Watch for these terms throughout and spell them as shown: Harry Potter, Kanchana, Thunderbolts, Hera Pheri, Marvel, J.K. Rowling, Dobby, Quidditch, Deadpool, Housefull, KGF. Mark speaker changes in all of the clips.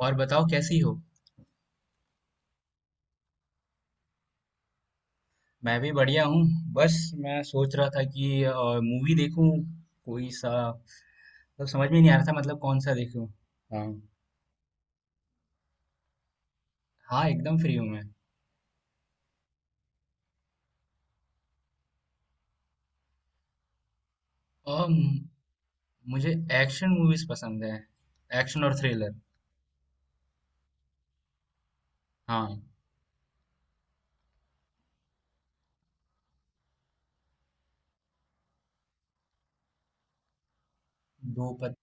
Speaker 1: और बताओ कैसी हो? मैं भी बढ़िया हूँ। बस मैं सोच रहा था कि मूवी देखूँ कोई सा मतलब समझ में नहीं आ रहा था मतलब कौन सा देखूँ। हाँ, हाँ एकदम फ्री हूँ मैं। और म- मुझे एक्शन मूवीज पसंद है। एक्शन और थ्रिलर। हाँ, दो पर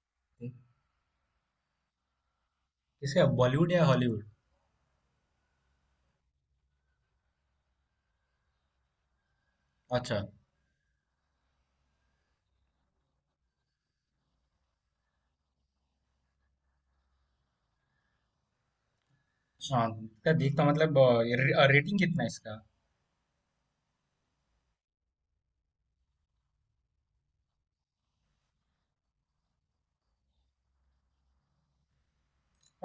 Speaker 1: किसका, बॉलीवुड या हॉलीवुड? अच्छा, हाँ इसका देखता मतलब रेटिंग कितना है इसका?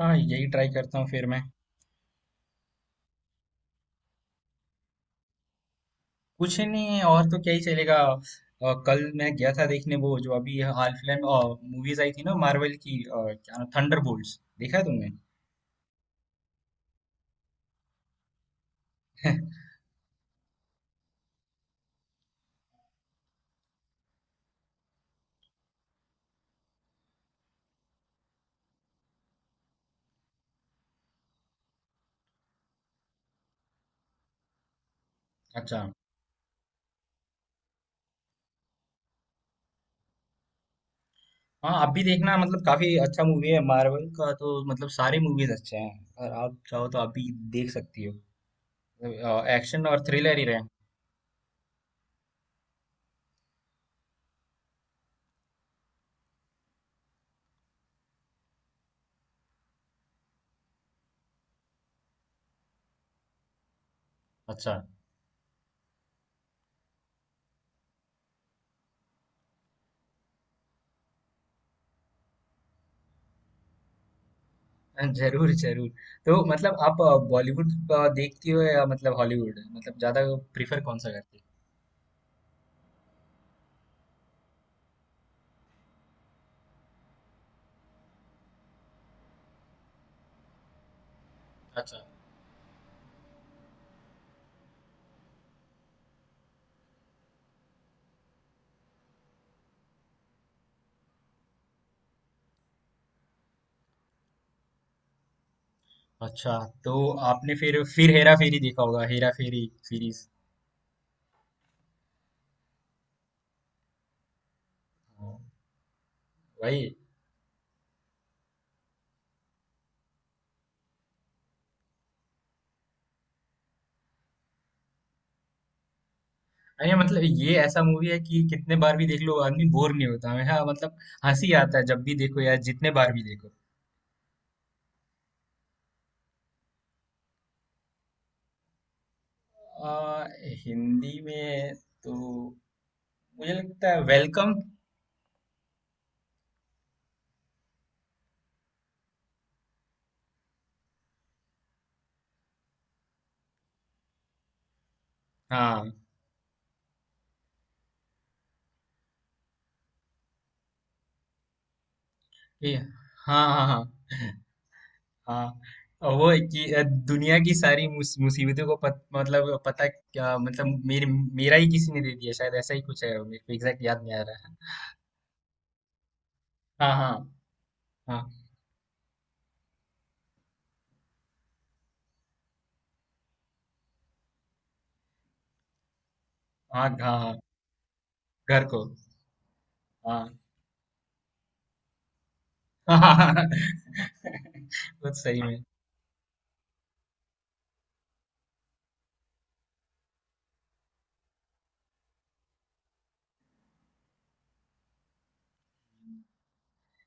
Speaker 1: हाँ, यही ट्राई करता हूँ फिर मैं। कुछ नहीं, और तो क्या ही चलेगा। कल मैं गया था देखने, वो जो अभी हाल फिलहाल में मूवीज आई थी ना मार्वल की, क्या नाम, थंडरबोल्ट्स, देखा है तुमने? अच्छा, हाँ आप भी देखना, मतलब काफी अच्छा मूवी है मार्वल का। तो मतलब सारे मूवीज अच्छे हैं और आप चाहो तो आप भी देख सकती हो। एक्शन और थ्रिलर ही रहे। अच्छा। जरूर जरूर। तो मतलब आप बॉलीवुड देखती हो या मतलब हॉलीवुड, मतलब ज्यादा प्रीफर कौन सा करती हो? अच्छा। अच्छा, तो आपने फिर हेरा फेरी देखा होगा, हेरा फेरी सीरीज। भाई, अरे मतलब ये ऐसा मूवी है कि कितने बार भी देख लो आदमी बोर नहीं होता है। हाँ मतलब हंसी आता है जब भी देखो या जितने बार भी देखो। आ, हिंदी में तो मुझे लगता है वेलकम। हाँ, ये। हाँ हाँ हाँ। हाँ, और वो कि दुनिया की सारी मुसीबतों को मतलब पता, क्या मतलब मेरे, मेरा ही किसी ने दे दिया शायद, ऐसा ही कुछ है। मेरे को एग्जैक्ट याद नहीं आ रहा है। हाँ हाँ हाँ। हाँ हाँ हाँ, घर को। हाँ। वो सही में।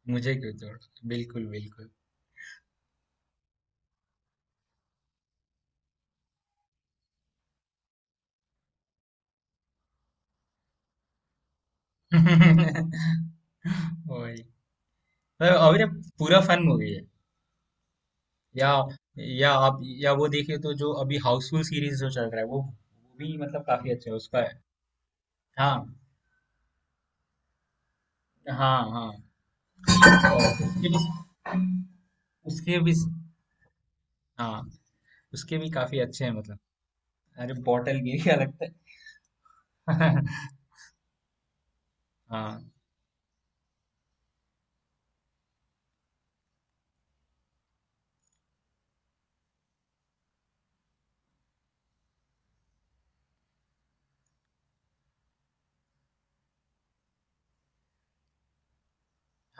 Speaker 1: मुझे क्यों छोड़। बिल्कुल बिल्कुल। वही। तो अभी ये पूरा फन मूवी है। या या आप या वो देखे तो जो अभी हाउसफुल सीरीज जो चल रहा है, वो भी मतलब काफी अच्छा है, उसका है। हाँ। हाँ हाँ। और उसके भी, उसके भी, हाँ उसके भी काफी अच्छे हैं मतलब। अरे, बॉटल गिर गया लगता है। हाँ।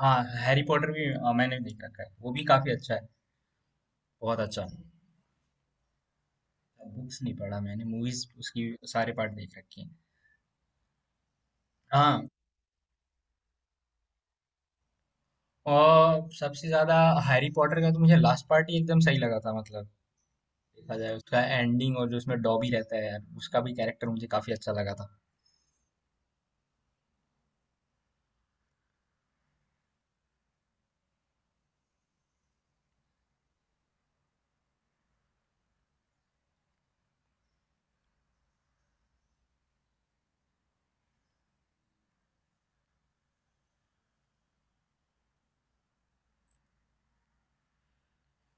Speaker 1: हाँ, हैरी पॉटर भी मैंने देख रखा है, वो भी काफी अच्छा है। बहुत अच्छा। बुक्स नहीं पढ़ा मैंने, मूवीज उसकी सारे पार्ट देख रखे हैं। हाँ, और सबसे ज्यादा हैरी पॉटर का तो मुझे लास्ट पार्ट ही एकदम सही लगा था। मतलब देखा जाए उसका एंडिंग, और जो उसमें डॉबी रहता है यार, उसका भी कैरेक्टर मुझे काफी अच्छा लगा था।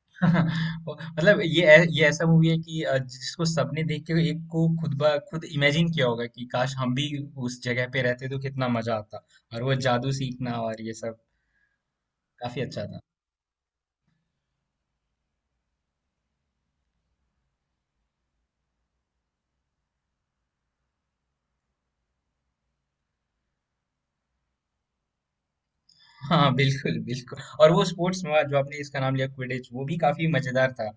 Speaker 1: मतलब ये ये ऐसा मूवी है कि जिसको सबने देख के एक को खुद ब खुद इमेजिन किया होगा कि काश हम भी उस जगह पे रहते तो कितना मजा आता, और वो जादू सीखना और ये सब। काफी अच्छा था। हाँ बिल्कुल बिल्कुल, और वो स्पोर्ट्स में जो आपने इसका नाम लिया क्विडिच, वो भी काफी मजेदार था।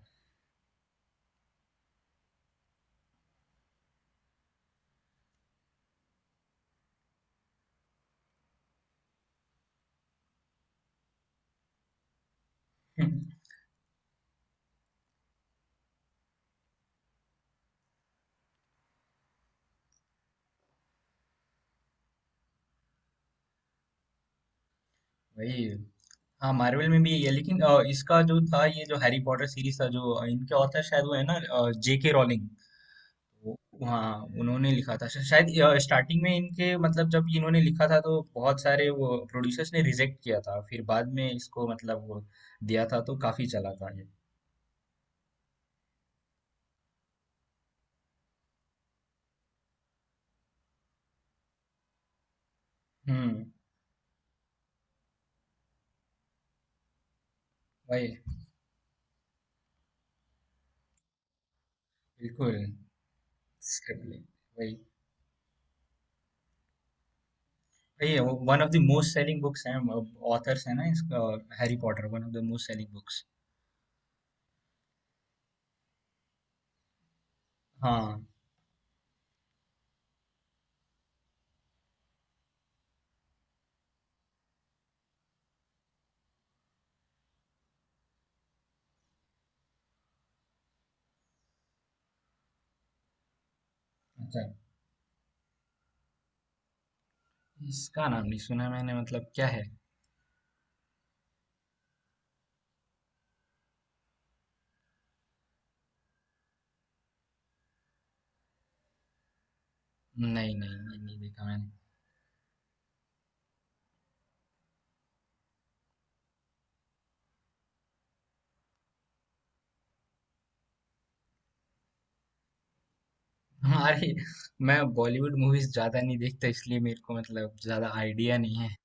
Speaker 1: वही। हाँ, मार्वल में भी यही है, लेकिन इसका जो था, ये जो हैरी पॉटर सीरीज था, जो इनके ऑथर शायद वो है ना, जेके रॉलिंग। वो-, हाँ उन्होंने लिखा था शायद स्टार्टिंग में इनके, मतलब जब इन्होंने लिखा था तो बहुत सारे वो प्रोड्यूसर्स ने रिजेक्ट किया था, फिर बाद में इसको मतलब वो दिया था, तो काफी चला था ये। हम्म। वही। बिल्कुल। स्क्रिप्ट। वही। ये one of the most selling books हैं, ऑथर्स है ना इसका, Harry Potter one of the most selling books. हाँ। अच्छा, इसका नाम नहीं सुना मैंने, मतलब क्या है? नहीं नहीं नहीं, नहीं देखा मैंने। हमारे, मैं बॉलीवुड मूवीज ज्यादा नहीं देखता, इसलिए मेरे को मतलब ज्यादा आइडिया नहीं है।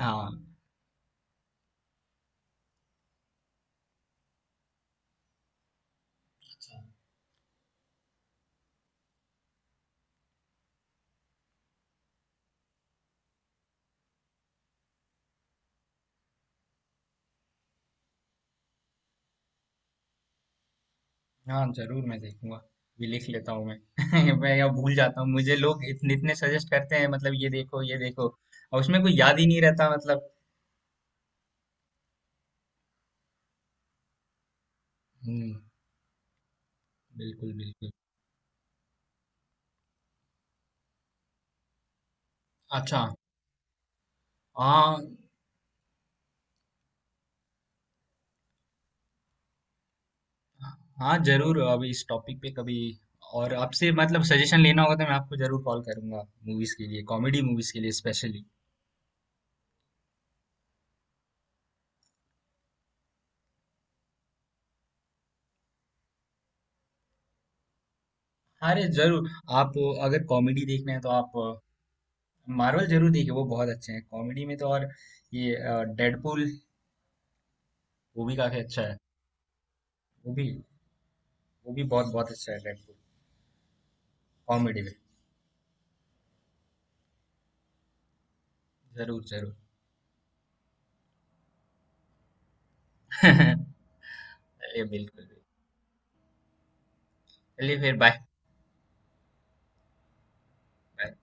Speaker 1: हाँ। हाँ जरूर, मैं देखूंगा, भी लिख लेता हूँ मैं। मैं यहाँ भूल जाता हूँ, मुझे लोग इतने इतने सजेस्ट करते हैं मतलब ये देखो ये देखो, और उसमें कोई याद ही नहीं रहता मतलब। हम्म। बिल्कुल बिल्कुल। अच्छा। हाँ हाँ जरूर, अब इस टॉपिक पे कभी और आपसे मतलब सजेशन लेना होगा तो मैं आपको जरूर कॉल करूंगा, मूवीज के लिए, कॉमेडी मूवीज के लिए स्पेशली। अरे जरूर, आप अगर कॉमेडी देखना है तो आप मार्वल जरूर देखिए, वो बहुत अच्छे हैं कॉमेडी में तो, और ये डेडपूल, वो भी काफी अच्छा है। वो भी, वो भी बहुत बहुत अच्छा है डेडपूल, कॉमेडी में। जरूर जरूर। चलिए, बिल्कुल बिल्कुल। चलिए फिर, बाय। बाय।